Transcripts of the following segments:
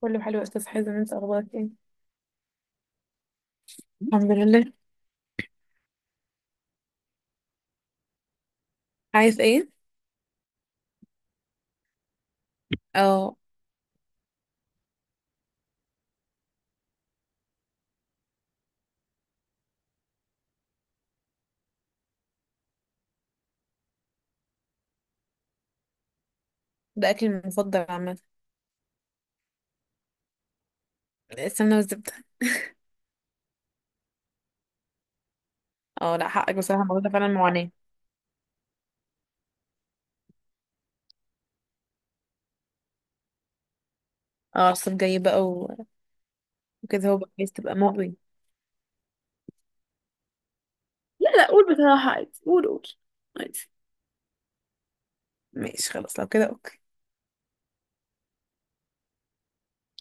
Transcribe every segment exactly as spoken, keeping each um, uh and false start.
كله حلو يا استاذ حازم، انت اخبارك ايه؟ الحمد لله. عايز ايه؟ اه. ده اكلي المفضل عامه. السمنه والزبده. اه، لا حقك بصراحه، الموضوع ده فعلا معاناه. اه الصيف جاي بقى و- وكده هو بقى عايز تبقى مغري؟ لا لا، قول بصراحة، عادي، قول قول. عادي. ماشي خلاص، لو كده اوكي.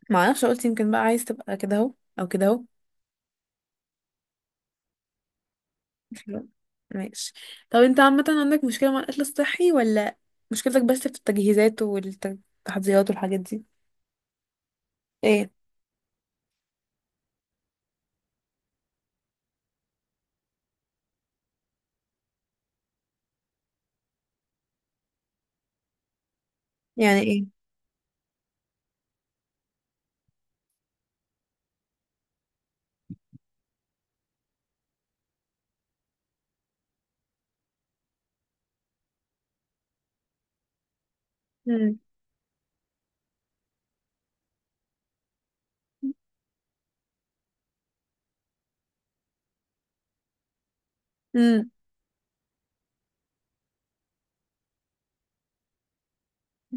ما اعرفش، قلت يمكن بقى عايز تبقى كده اهو. او كده اهو. ماشي. طب انت عامه، عندك مشكله مع الاكل الصحي ولا مشكلتك بس في التجهيزات والتحضيرات والحاجات دي؟ ايه؟ يعني ايه؟ امم.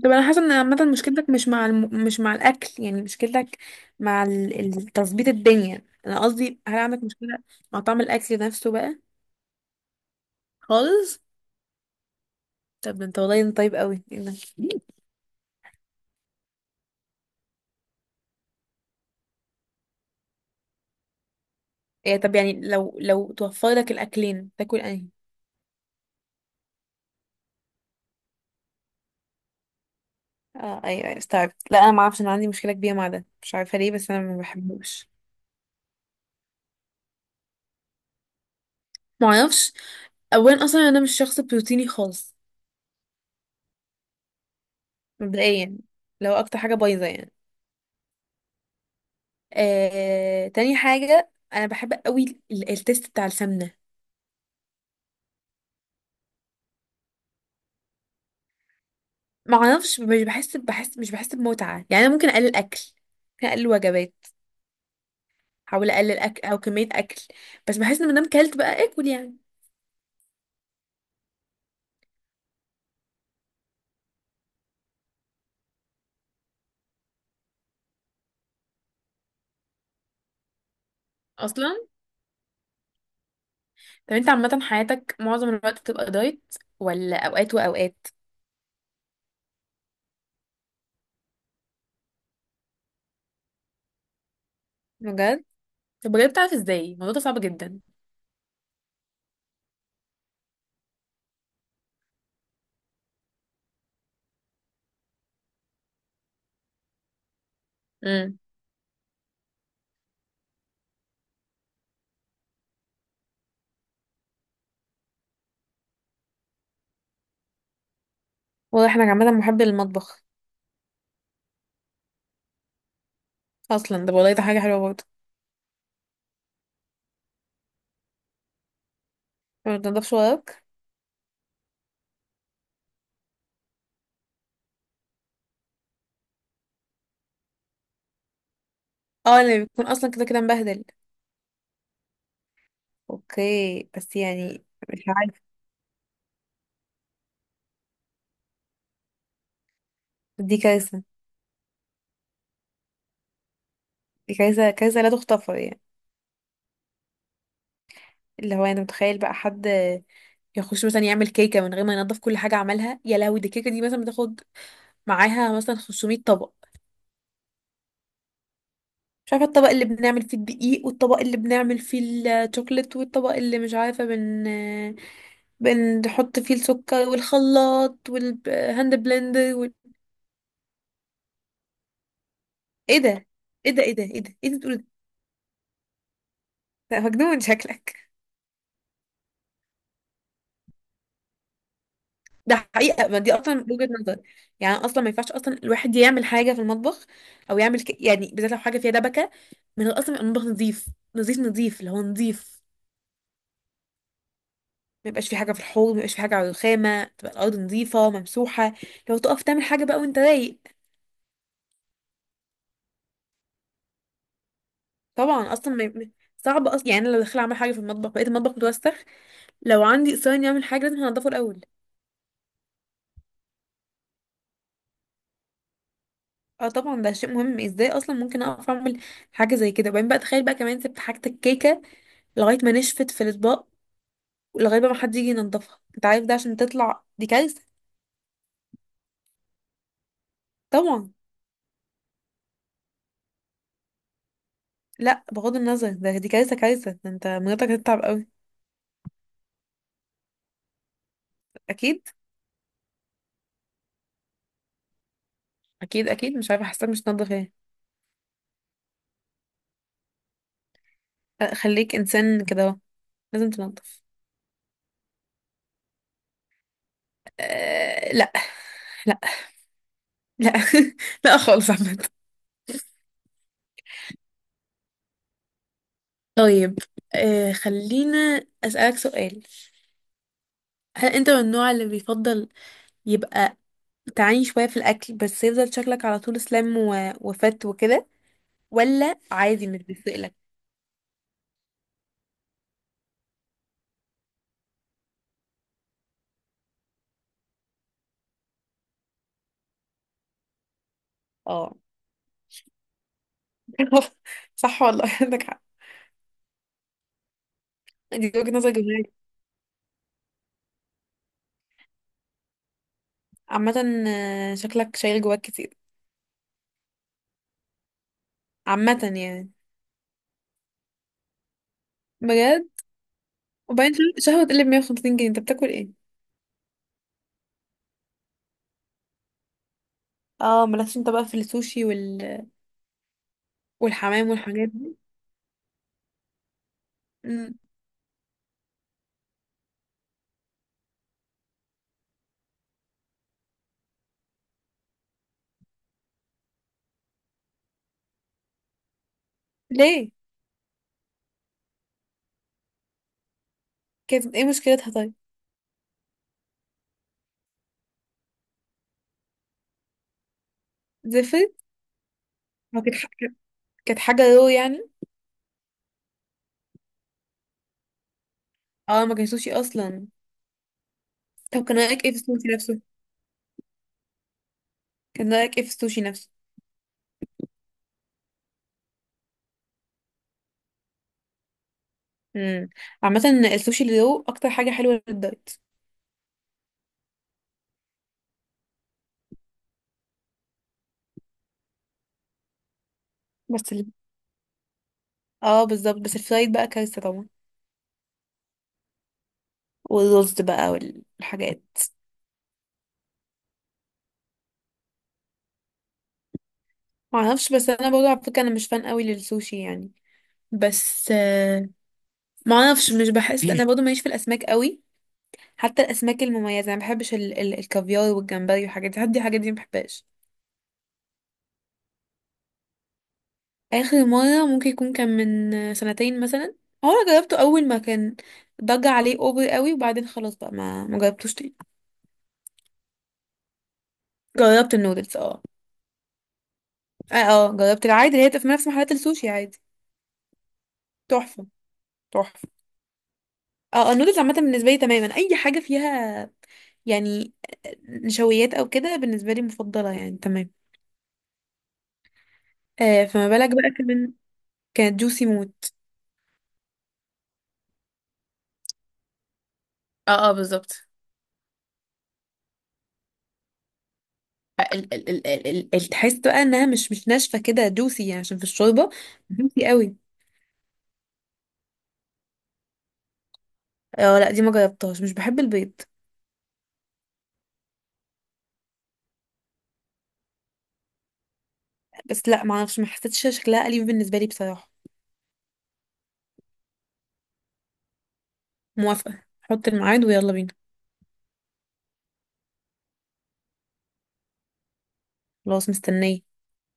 طب انا حاسه ان عامه مشكلتك مش مع الم... مش مع الاكل، يعني مشكلتك مع ال- ال- تظبيط الدنيا، انا قصدي هل عندك مشكله مع طعم الاكل نفسه بقى؟ خالص. طب انت، والله انت طيب قوي، ايه ده؟ إيه طب، يعني لو لو توفر لك الاكلين تاكل انهي؟ اه، ايوه ايوه استوعبت. لا انا ما اعرفش، انا عندي مشكله كبيره مع ده، مش عارفه ليه، بس انا ما بحبوش. ما اعرفش. اولا اصلا انا مش شخص بروتيني خالص. مبدئيا. لو اكتر حاجه بايظه يعني. آه، تاني حاجة أنا بحب قوي ال- ال- التيست بتاع السمنة. معرفش، مش بحس بحس مش بحس بمتعة، يعني أنا ممكن أقلل أكل. ممكن أقلل وجبات. أحاول أقلل أكل أو كمية أكل. بس بحس إن مادام كلت بقى آكل يعني. أصلا. طب أنت عامة حياتك معظم الوقت بتبقى دايت، ولا أوقات وأوقات؟ بجد؟ طب بجد، بتعرف إزاي الموضوع ده صعب جدا؟ امم. واضح إنك عامة محب للمطبخ. أصلا ده، والله ده حاجة حلوة برضه. ما بتنضفش وراك؟ اه، اللي بيكون أصلا كده كده مبهدل. اوكي بس يعني. مش عارفة. دي كارثة. دي كارثة كارثة لا تغتفر يعني. اللي هو انا متخيل بقى حد يخش مثلا يعمل كيكة من غير ما ينضف كل حاجة عملها، يا لهوي، دي الكيكة دي مثلا بتاخد معاها مثلا خمسمية طبق. مش عارفة، الطبق اللي بنعمل فيه الدقيق، والطبق اللي بنعمل فيه الشوكليت، والطبق اللي مش عارفة بن بنحط فيه السكر، والخلاط والهاند بلندر وال... ايه ده، ايه ده، ايه ده، ايه ده، ايه ده بتقول؟ ده مجنون شكلك. ده حقيقة، ما دي أصلا وجهة نظر. يعني أصلا ما ينفعش أصلا الواحد يعمل حاجة في المطبخ أو يعمل ك... يعني بالذات لو حاجة فيها دبكة، من الأصل يبقى المطبخ نظيف. نظيف نظيف، اللي هو نظيف. ما يبقاش في حاجة في الحوض، ما يبقاش في حاجة على الرخامة، تبقى الأرض نظيفة ممسوحة. لو تقف تعمل حاجة بقى وأنت رايق. طبعا أصلا ما... ما- صعب أصلا، يعني أنا لو داخلة أعمل حاجة في المطبخ بقيت المطبخ متوسخ. لو عندي إصرار إني أعمل حاجة لازم هنضفه الأول. اه طبعا، ده شيء مهم، ازاي اصلا ممكن اقف اعمل حاجه زي كده، وبعدين بقى تخيل بقى كمان سبت حاجه الكيكه لغايه ما نشفت في الاطباق، لغايه بقى ما حد يجي ينضفها، انت عارف ده عشان تطلع دي كارثه. طبعا. لا بغض النظر، ده دي كارثه كارثه، ده انت مراتك هتتعب قوي. اكيد. اكيد اكيد، مش عارفه حاسه مش تنضف ايه. لا، خليك انسان كده اهو. لازم تنضف. أه، لا. لا. لا. لا خالص عامه. طيب. أه، خلينا اسالك سؤال. هل انت من النوع اللي بيفضل يبقى تعاني شويه في الاكل، بس يفضل شكلك على طول سلام و- وفت وكده، ولا عادي مش بيفرقلك؟ اه. صح والله عندك حق. دي وجهة نظر جميلة. عامة، آه، شكلك شايل جواك كتير. عامة يعني. بجد. وبعدين شه- شهوة تقلب مية وخمسين جنيه انت بتاكل ايه؟ اه، مالكش انت بقى في السوشي وال... والحمام والحاجات دي. مم. ليه؟ كانت ايه مشكلتها طيب؟ زفت؟ ما كانت ح- كانت حاجة رو يعني؟ اه ما كانش سوشي اصلا. طب كان رأيك ايه في السوشي نفسه؟ كان رأيك ايه في السوشي نفسه؟ امم. عامة، السوشي اللي رو اكتر حاجة حلوة للدايت. بس ال... اه بالظبط، بس الفرايد بقى كارثة طبعا. والرز بقى والحاجات. معرفش، بس انا برضه على فكره انا مش فان قوي للسوشي يعني. بس آه، معرفش مش بحس، انا برضه ماليش في الاسماك قوي. حتى الاسماك المميزه انا ما بحبش ال... ال... الكافيار والجمبري والحاجات دي، حد الحاجات دي ما بحبهاش. اخر مره ممكن يكون كان من آه، سنتين مثلا. هو انا جربته اول ما كان ضج عليه اوفر قوي، وبعدين خلاص بقى ما ما جربتوش تاني. جربت النودلز اه. اه. آه، جربت العادي اللي هي بتبقى في نفس محلات السوشي عادي. تحفه. تحفه. اه، النودلز عامة بالنسبة لي تماما أي حاجة فيها، يعني، نشويات أو كده بالنسبة لي مفضلة يعني تمام. آه فما بالك بقى كمان كانت جوسي موت. اه اه بالظبط. ال ال ال ال ال ال- تحس بقى إنها مش مش ناشفة كده، جوسي يعني عشان في الشوربة. جوسي قوي. اه لا، دي ما جربتهاش، مش بحب البيض. بس لا معرفش، ما حسيتش شكلها أليف بالنسبة لي بصراحة. موافقة، حط الميعاد ويلا بينا. خلاص مستنية.